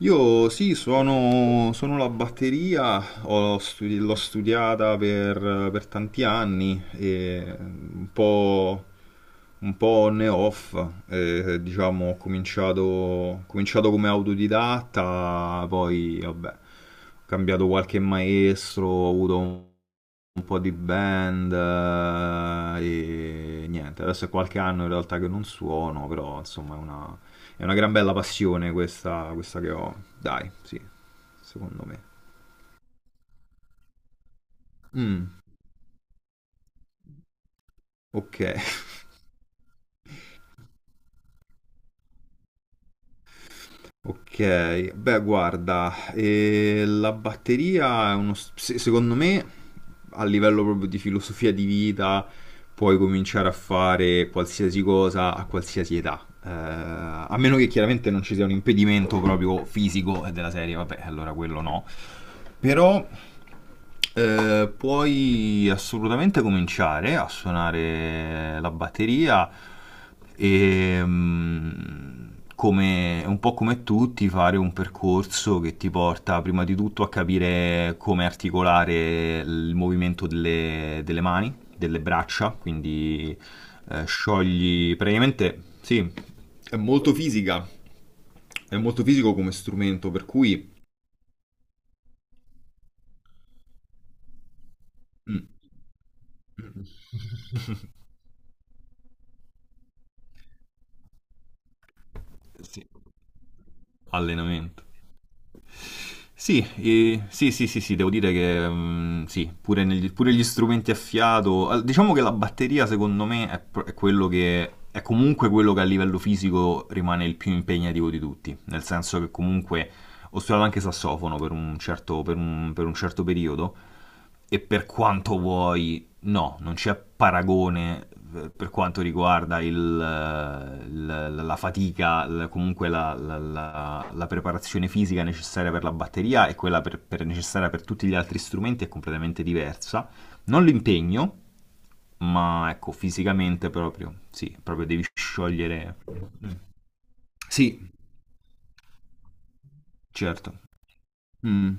Io sì, suono la batteria, l'ho studiata per tanti anni e un po' on e off, diciamo ho cominciato come autodidatta, poi vabbè, ho cambiato qualche maestro, ho avuto un po' di band e niente, adesso è qualche anno in realtà che non suono, però insomma è una gran bella passione questa che ho, dai, sì, secondo me. Mm, ok. Ok, beh, guarda, la batteria è uno, s- se- secondo me, a livello proprio di filosofia di vita, puoi cominciare a fare qualsiasi cosa a qualsiasi età. A meno che chiaramente non ci sia un impedimento proprio fisico della serie, vabbè, allora quello no. Però puoi assolutamente cominciare a suonare la batteria e un po' come tutti fare un percorso che ti porta prima di tutto a capire come articolare il movimento delle mani, delle braccia, quindi sciogli praticamente, sì, è molto fisica, è molto fisico come strumento, per cui... Mm. Sì, allenamento. Sì, sì, sì, sì, sì, devo dire che sì, pure, pure gli strumenti a fiato. Diciamo che la batteria, secondo me, è quello che è comunque quello che a livello fisico rimane il più impegnativo di tutti. Nel senso che comunque ho studiato anche sassofono per un certo periodo. E per quanto vuoi, no, non c'è paragone per quanto riguarda la fatica, comunque la preparazione fisica necessaria per la batteria e quella necessaria per tutti gli altri strumenti è completamente diversa. Non l'impegno, ma ecco, fisicamente proprio, sì, proprio devi sciogliere. Mm, sì, certo. Mm,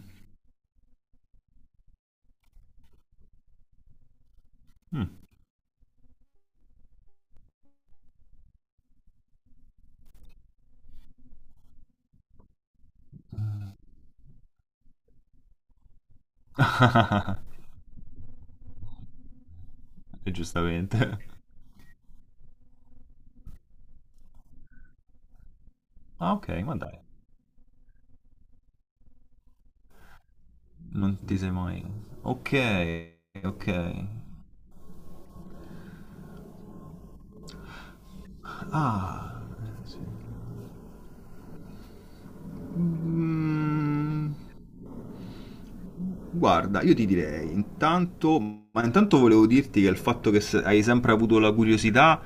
mm, e giustamente. Ah, ok, ma dai, non ti sei mai... Ok, ok. Ah, sì. Mm, guarda, io ti direi, intanto, ma intanto volevo dirti che il fatto che hai sempre avuto la curiosità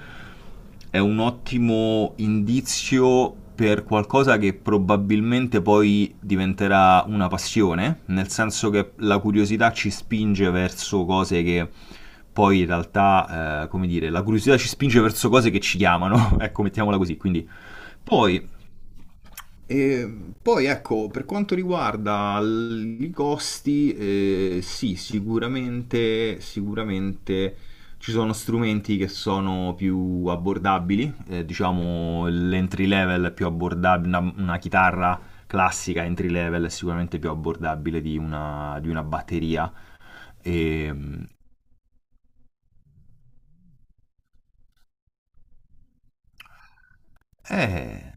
è un ottimo indizio per qualcosa che probabilmente poi diventerà una passione, nel senso che la curiosità ci spinge verso cose che poi in realtà, come dire, la curiosità ci spinge verso cose che ci chiamano, ecco, mettiamola così, quindi poi E poi ecco, per quanto riguarda i costi, sì, sicuramente, sicuramente ci sono strumenti che sono più abbordabili, diciamo l'entry level è più abbordabile, una chitarra classica entry level è sicuramente più abbordabile di di una batteria. E, eh,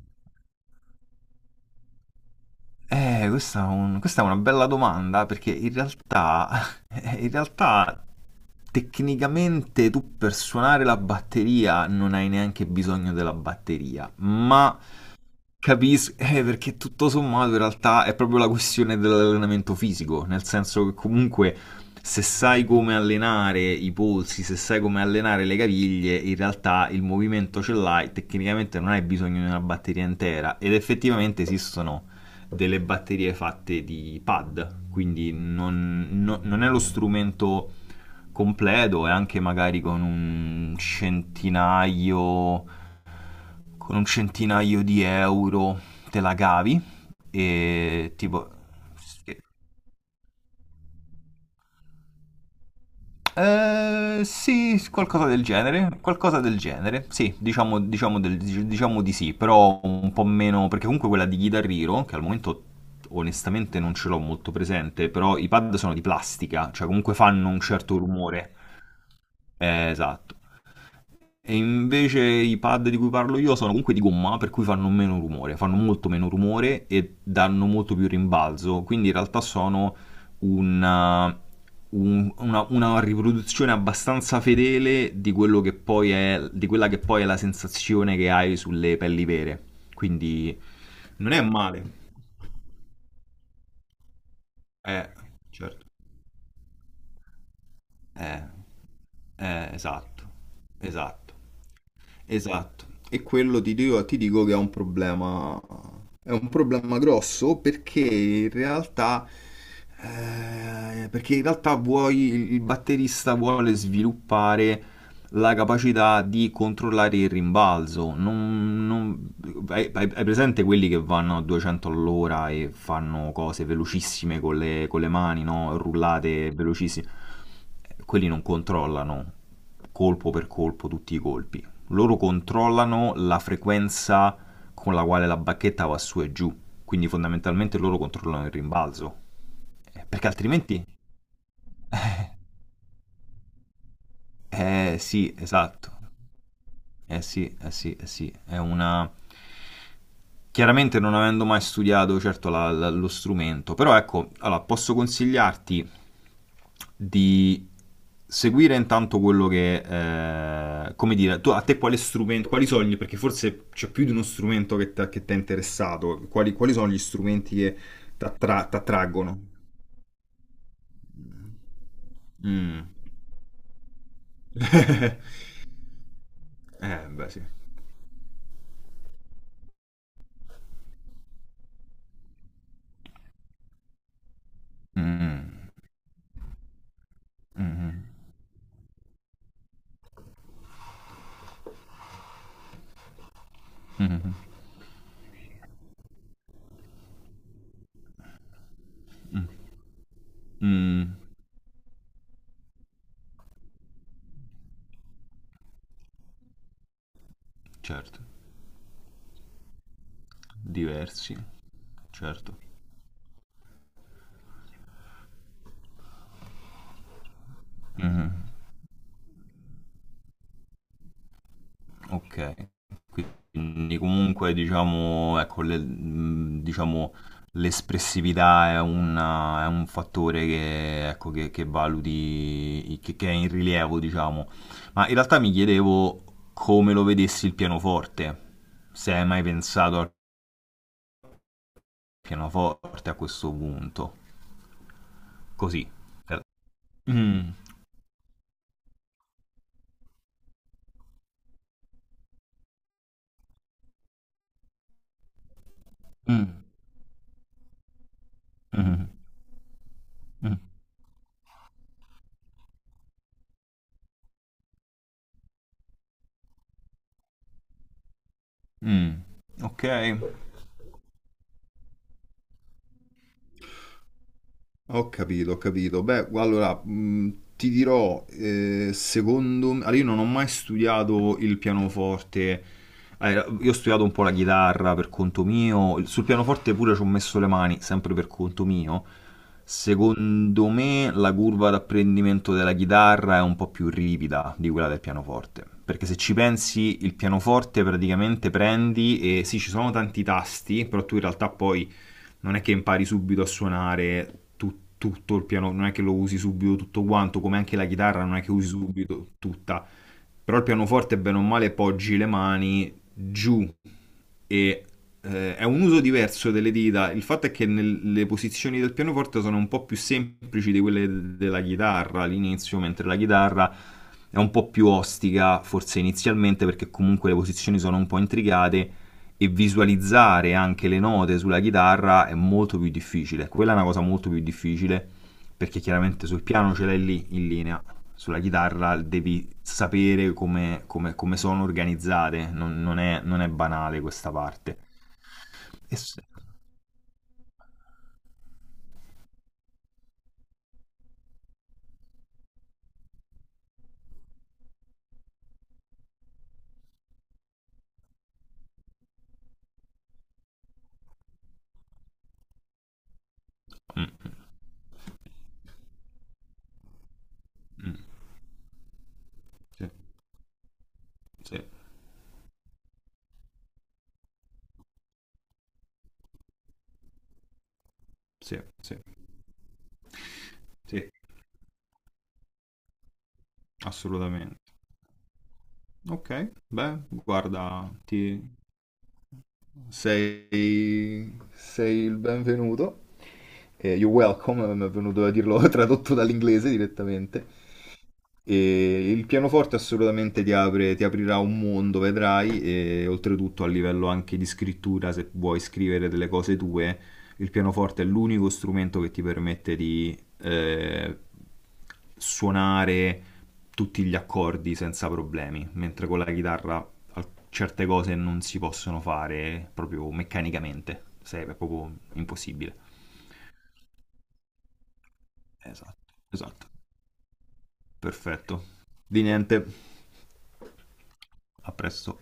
Questa, questa è una bella domanda perché in realtà, in realtà tecnicamente tu per suonare la batteria non hai neanche bisogno della batteria, ma capisco, perché tutto sommato in realtà è proprio la questione dell'allenamento fisico, nel senso che comunque se sai come allenare i polsi, se sai come allenare le caviglie, in realtà il movimento ce l'hai, tecnicamente non hai bisogno di una batteria intera ed effettivamente esistono delle batterie fatte di pad, quindi non è lo strumento completo e anche magari con un centinaio di euro te la cavi e tipo... sì, qualcosa del genere, sì, diciamo, diciamo di sì, però un po' meno, perché comunque quella di Guitar Hero, che al momento onestamente non ce l'ho molto presente, però i pad sono di plastica, cioè comunque fanno un certo rumore. Esatto. E invece i pad di cui parlo io sono comunque di gomma, per cui fanno meno rumore, fanno molto meno rumore e danno molto più rimbalzo, quindi in realtà sono una, una riproduzione abbastanza fedele di quello che poi è, di quella che poi è la sensazione che hai sulle pelli vere. Quindi non è male. Eh, certo. Eh, esatto, esatto. Esatto, e quello ti dico che è un problema grosso perché in realtà vuoi, il batterista vuole sviluppare la capacità di controllare il rimbalzo. Hai presente quelli che vanno a 200 all'ora e fanno cose velocissime con con le mani, no? Rullate velocissime. Quelli non controllano colpo per colpo tutti i colpi, loro controllano la frequenza con la quale la bacchetta va su e giù, quindi fondamentalmente loro controllano il rimbalzo, eh, perché altrimenti... Eh sì, esatto. Eh sì, eh sì, eh sì, è una... Chiaramente non avendo mai studiato certo lo strumento, però ecco, allora, posso consigliarti di seguire intanto quello che, come dire, tu, a te quale strumento, quali sono gli, perché forse c'è più di uno strumento che t'ha interessato, quali, quali sono gli strumenti che ti attraggono? Mm. Beh, sì. Mm, mm, mm, certo, diversi. Certo. Mhm, ok. Quindi comunque diciamo, ecco, diciamo, l'espressività è un fattore che, ecco, che valuti, che è in rilievo, diciamo. Ma in realtà mi chiedevo come lo vedessi il pianoforte, se hai mai pensato al pianoforte a questo punto. Così. Eh, mm, mm, mm, mm, mm. Ok. Ho capito, ho capito. Beh, allora, ti dirò, secondo me, allora, io non ho mai studiato il pianoforte, eh, io ho studiato un po' la chitarra per conto mio, sul pianoforte pure ci ho messo le mani, sempre per conto mio. Secondo me la curva d'apprendimento della chitarra è un po' più ripida di quella del pianoforte, perché se ci pensi il pianoforte praticamente prendi e sì, ci sono tanti tasti, però tu in realtà poi non è che impari subito a suonare tutto il piano, non è che lo usi subito tutto quanto, come anche la chitarra non è che usi subito tutta. Però il pianoforte, bene o male, poggi le mani giù e è un uso diverso delle dita. Il fatto è che le posizioni del pianoforte sono un po' più semplici di quelle della chitarra all'inizio, mentre la chitarra è un po' più ostica, forse inizialmente, perché comunque le posizioni sono un po' intricate e visualizzare anche le note sulla chitarra è molto più difficile. Quella è una cosa molto più difficile perché chiaramente sul piano ce l'hai lì in linea, sulla chitarra devi sapere come sono organizzate, non è, non è banale questa parte. E s- Mm, mm. Sì, sì, sì, sì, sì, assolutamente. Ok, beh, guarda, ti... Sei... sei il benvenuto. Eh, You're Welcome, mi è venuto a dirlo tradotto dall'inglese direttamente. E il pianoforte assolutamente ti apre, ti aprirà un mondo, vedrai, e oltretutto a livello anche di scrittura, se vuoi scrivere delle cose tue, il pianoforte è l'unico strumento che ti permette di eh, suonare tutti gli accordi senza problemi, mentre con la chitarra certe cose non si possono fare proprio meccanicamente, se è proprio impossibile. Esatto, esatto. Perfetto. Di niente. A presto.